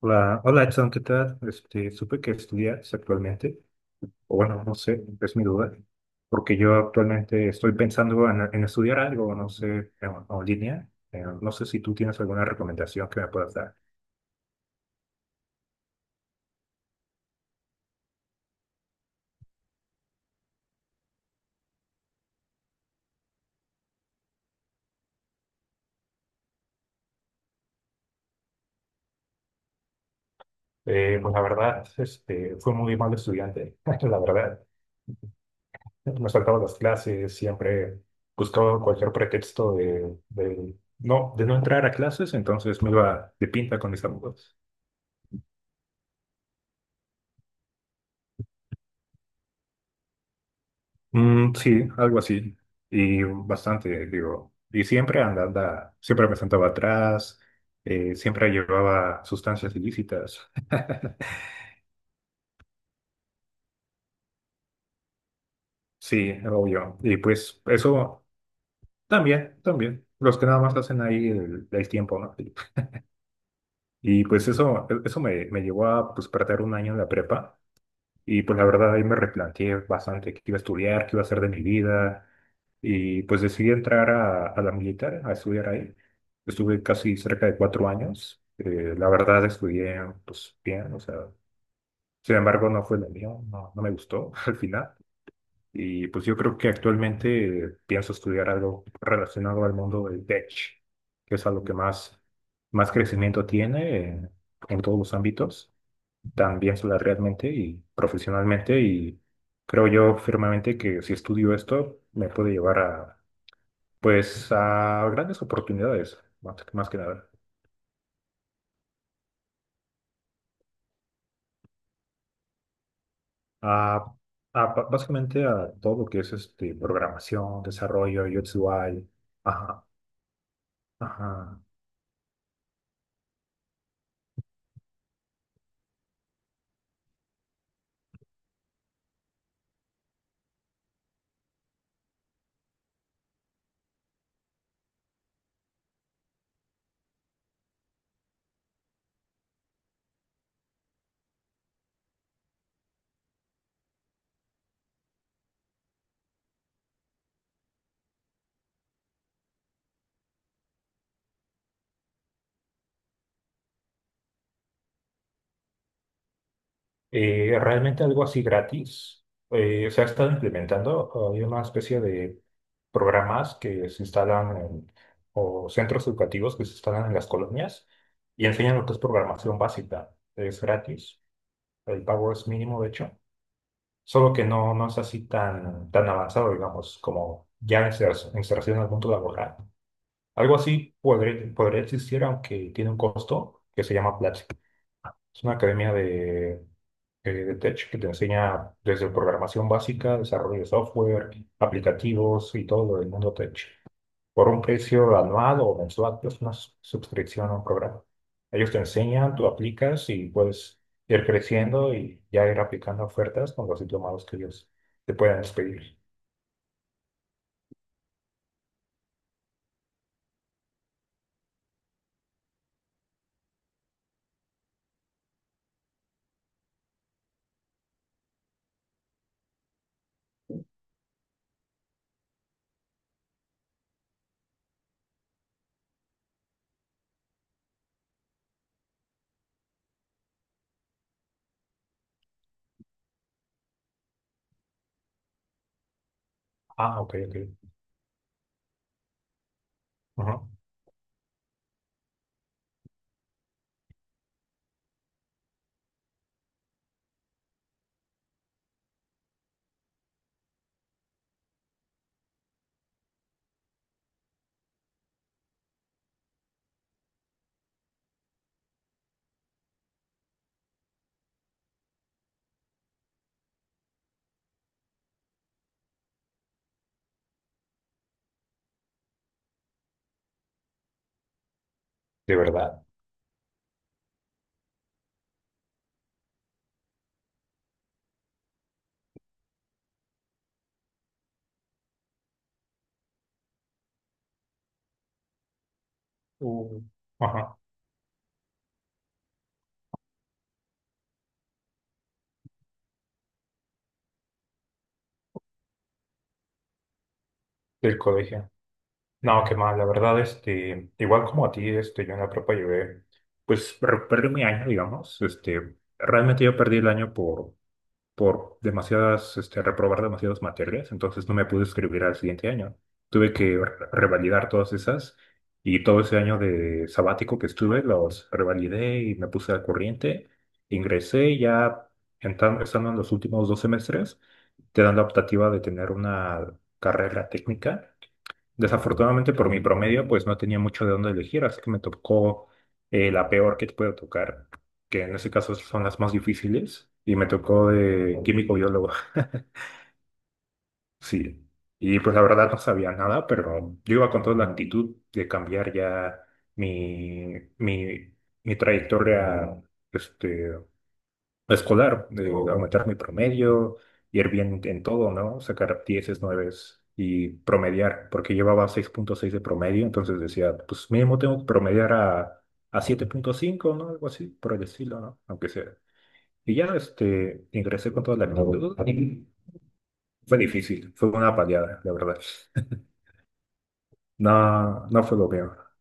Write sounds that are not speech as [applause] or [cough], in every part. Hola, hola Edson, ¿qué tal? Supe que estudias actualmente, o bueno, no sé, es mi duda, porque yo actualmente estoy pensando en estudiar algo, no sé, en línea. No sé si tú tienes alguna recomendación que me puedas dar. Pues la verdad, fui muy mal estudiante, [laughs] la verdad. Me saltaba las clases, siempre buscaba cualquier pretexto no, de no entrar a clases, entonces me iba de pinta con mis amigos. Mm, sí, algo así. Y bastante, digo. Y siempre anda, siempre me sentaba atrás, siempre llevaba sustancias ilícitas. [laughs] Sí, obvio. Y pues eso también, también. Los que nada más hacen ahí el tiempo, ¿no? Y pues eso me llevó a pues, perder un año en la prepa. Y pues la verdad ahí me replanteé bastante qué iba a estudiar, qué iba a hacer de mi vida. Y pues decidí entrar a la militar, a estudiar ahí. Estuve casi cerca de cuatro años. La verdad estudié pues bien, o sea, sin embargo no fue lo mío, no, no me gustó [laughs] al final. Y pues yo creo que actualmente pienso estudiar algo relacionado al mundo del tech, que es algo que más, más crecimiento tiene en todos los ámbitos, también salarialmente y profesionalmente, y creo yo firmemente que si estudio esto me puede llevar a pues a grandes oportunidades, más, más que nada. A, básicamente a todo lo que es este programación, desarrollo, UX UI. Ajá, ajá. Realmente algo así gratis. Se ha estado implementando, hay una especie de programas que se instalan en- o centros educativos que se instalan en las colonias y enseñan lo que es programación básica. Es gratis, el pago es mínimo, de hecho, solo que no, no es así tan, tan avanzado, digamos, como ya inserción al mundo laboral. Algo así podría, podría existir, aunque tiene un costo que se llama, es una academia de tech que te enseña desde programación básica, desarrollo de software, aplicativos y todo lo del mundo tech. Por un precio anual o mensual, es una suscripción a un programa. Ellos te enseñan, tú aplicas y puedes ir creciendo y ya ir aplicando ofertas con los diplomados que ellos te puedan despedir. Ah, ok, ok. Ajá. De verdad. Uh, Ajá. Del colegio. No, qué mal, la verdad, igual como a ti, yo en la prepa llevé, pues perdí mi año, digamos, realmente yo perdí el año por demasiadas, reprobar demasiadas materias, entonces no me pude escribir al siguiente año. Tuve que revalidar todas esas y todo ese año de sabático que estuve, los revalidé y me puse al corriente, ingresé y ya estando en los últimos dos semestres, te dan la optativa de tener una carrera técnica. Desafortunadamente por mi promedio, pues no tenía mucho de dónde elegir, así que me tocó la peor que te puede tocar, que en ese caso son las más difíciles, y me tocó de químico biólogo. [laughs] Sí. Y pues la verdad no sabía nada, pero yo iba con toda la actitud de cambiar ya mi, mi, mi trayectoria, este, escolar, de aumentar mi promedio, ir bien en todo, ¿no? Sacar dieces nueves y promediar, porque llevaba seis punto seis de promedio, entonces decía, pues mínimo tengo que promediar a siete punto cinco, ¿no? Algo así, por el estilo, ¿no? Aunque sea. Y ya ingresé con toda la actitud y fue difícil, fue una paliada, la verdad. No, no fue lo peor.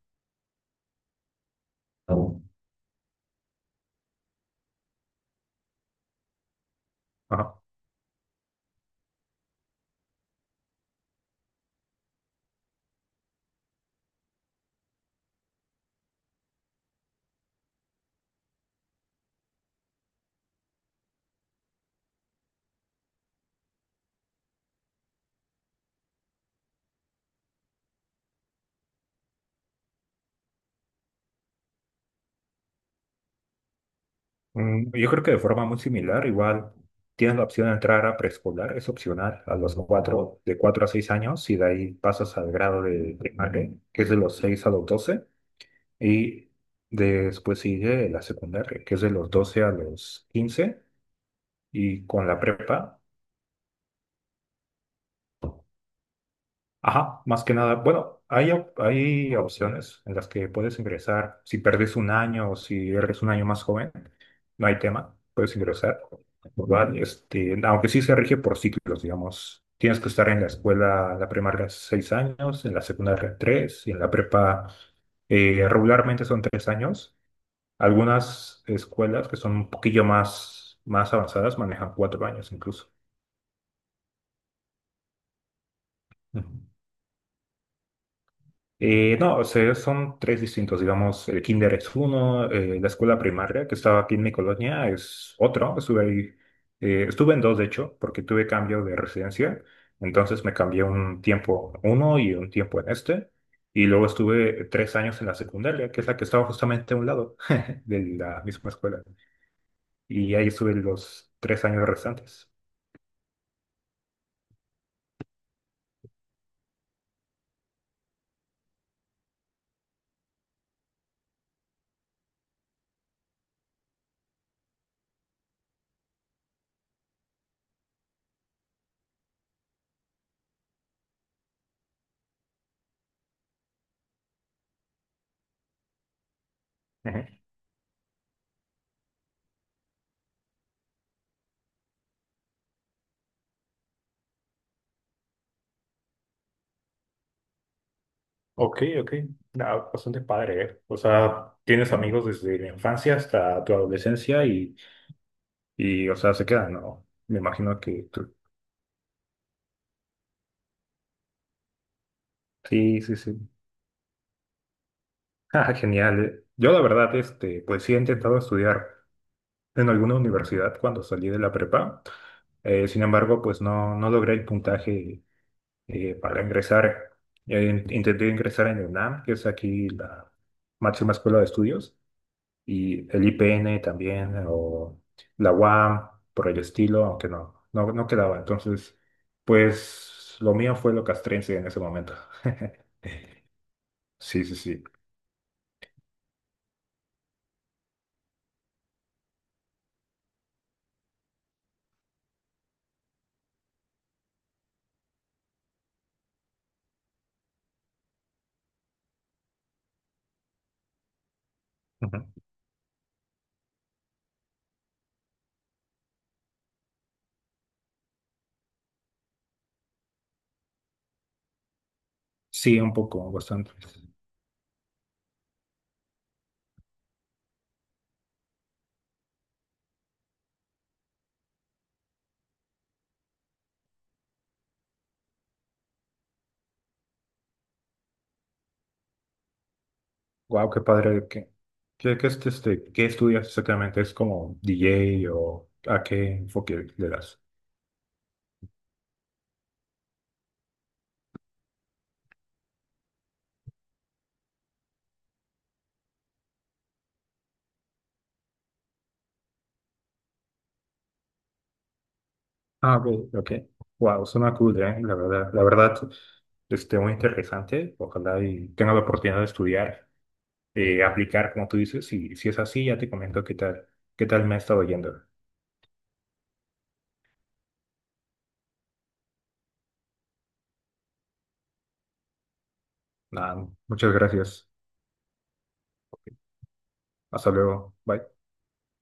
Ajá. Mm, yo creo que de forma muy similar, igual tienes la opción de entrar a preescolar, es opcional, a los cuatro, de cuatro a seis años, y de ahí pasas al grado de primaria, que es de los seis a los doce, y después sigue la secundaria, que es de los 12 a los quince, y con la prepa. Ajá, más que nada, bueno, hay, hay opciones en las que puedes ingresar. Si perdes un año o si eres un año más joven, no hay tema, puedes ingresar, ¿verdad? Aunque sí se rige por ciclos, digamos. Tienes que estar en la escuela, la primaria, seis años, en la secundaria, tres, y en la prepa, regularmente son tres años. Algunas escuelas que son un poquillo más, más avanzadas manejan cuatro años incluso. No, o sea, son tres distintos, digamos, el kinder es uno, la escuela primaria que estaba aquí en mi colonia es otro, estuve ahí, estuve en dos de hecho, porque tuve cambio de residencia, entonces me cambié un tiempo a uno y un tiempo en este, y luego estuve tres años en la secundaria, que es la que estaba justamente a un lado [laughs] de la misma escuela, y ahí estuve los tres años restantes. Ok, ok. Ah, bastante padre, ¿eh? O sea, tienes amigos desde la infancia hasta tu adolescencia y o sea, se quedan, ¿no? Me imagino que tú. Sí, sí, sí. Ah, genial. Yo, la verdad, pues sí he intentado estudiar en alguna universidad cuando salí de la prepa. Sin embargo, pues no, no logré el puntaje para ingresar. Intenté ingresar en UNAM, que es aquí la máxima escuela de estudios, y el IPN también, o la UAM, por el estilo, aunque no, no, no quedaba. Entonces, pues lo mío fue lo castrense en ese momento. [laughs] Sí, sí, sí. Ujú. Sí, un poco, bastante. Wow, qué padre. ¿Qué, qué, qué, qué estudias exactamente? ¿Es como DJ o a qué enfoque le das? Ah, ok, ok. Wow, suena cool, ¿eh? La verdad, muy interesante. Ojalá y tenga la oportunidad de estudiar, aplicar, como tú dices. Y si es así, ya te comento qué tal me ha estado yendo. Nada, muchas gracias. Hasta luego. Bye.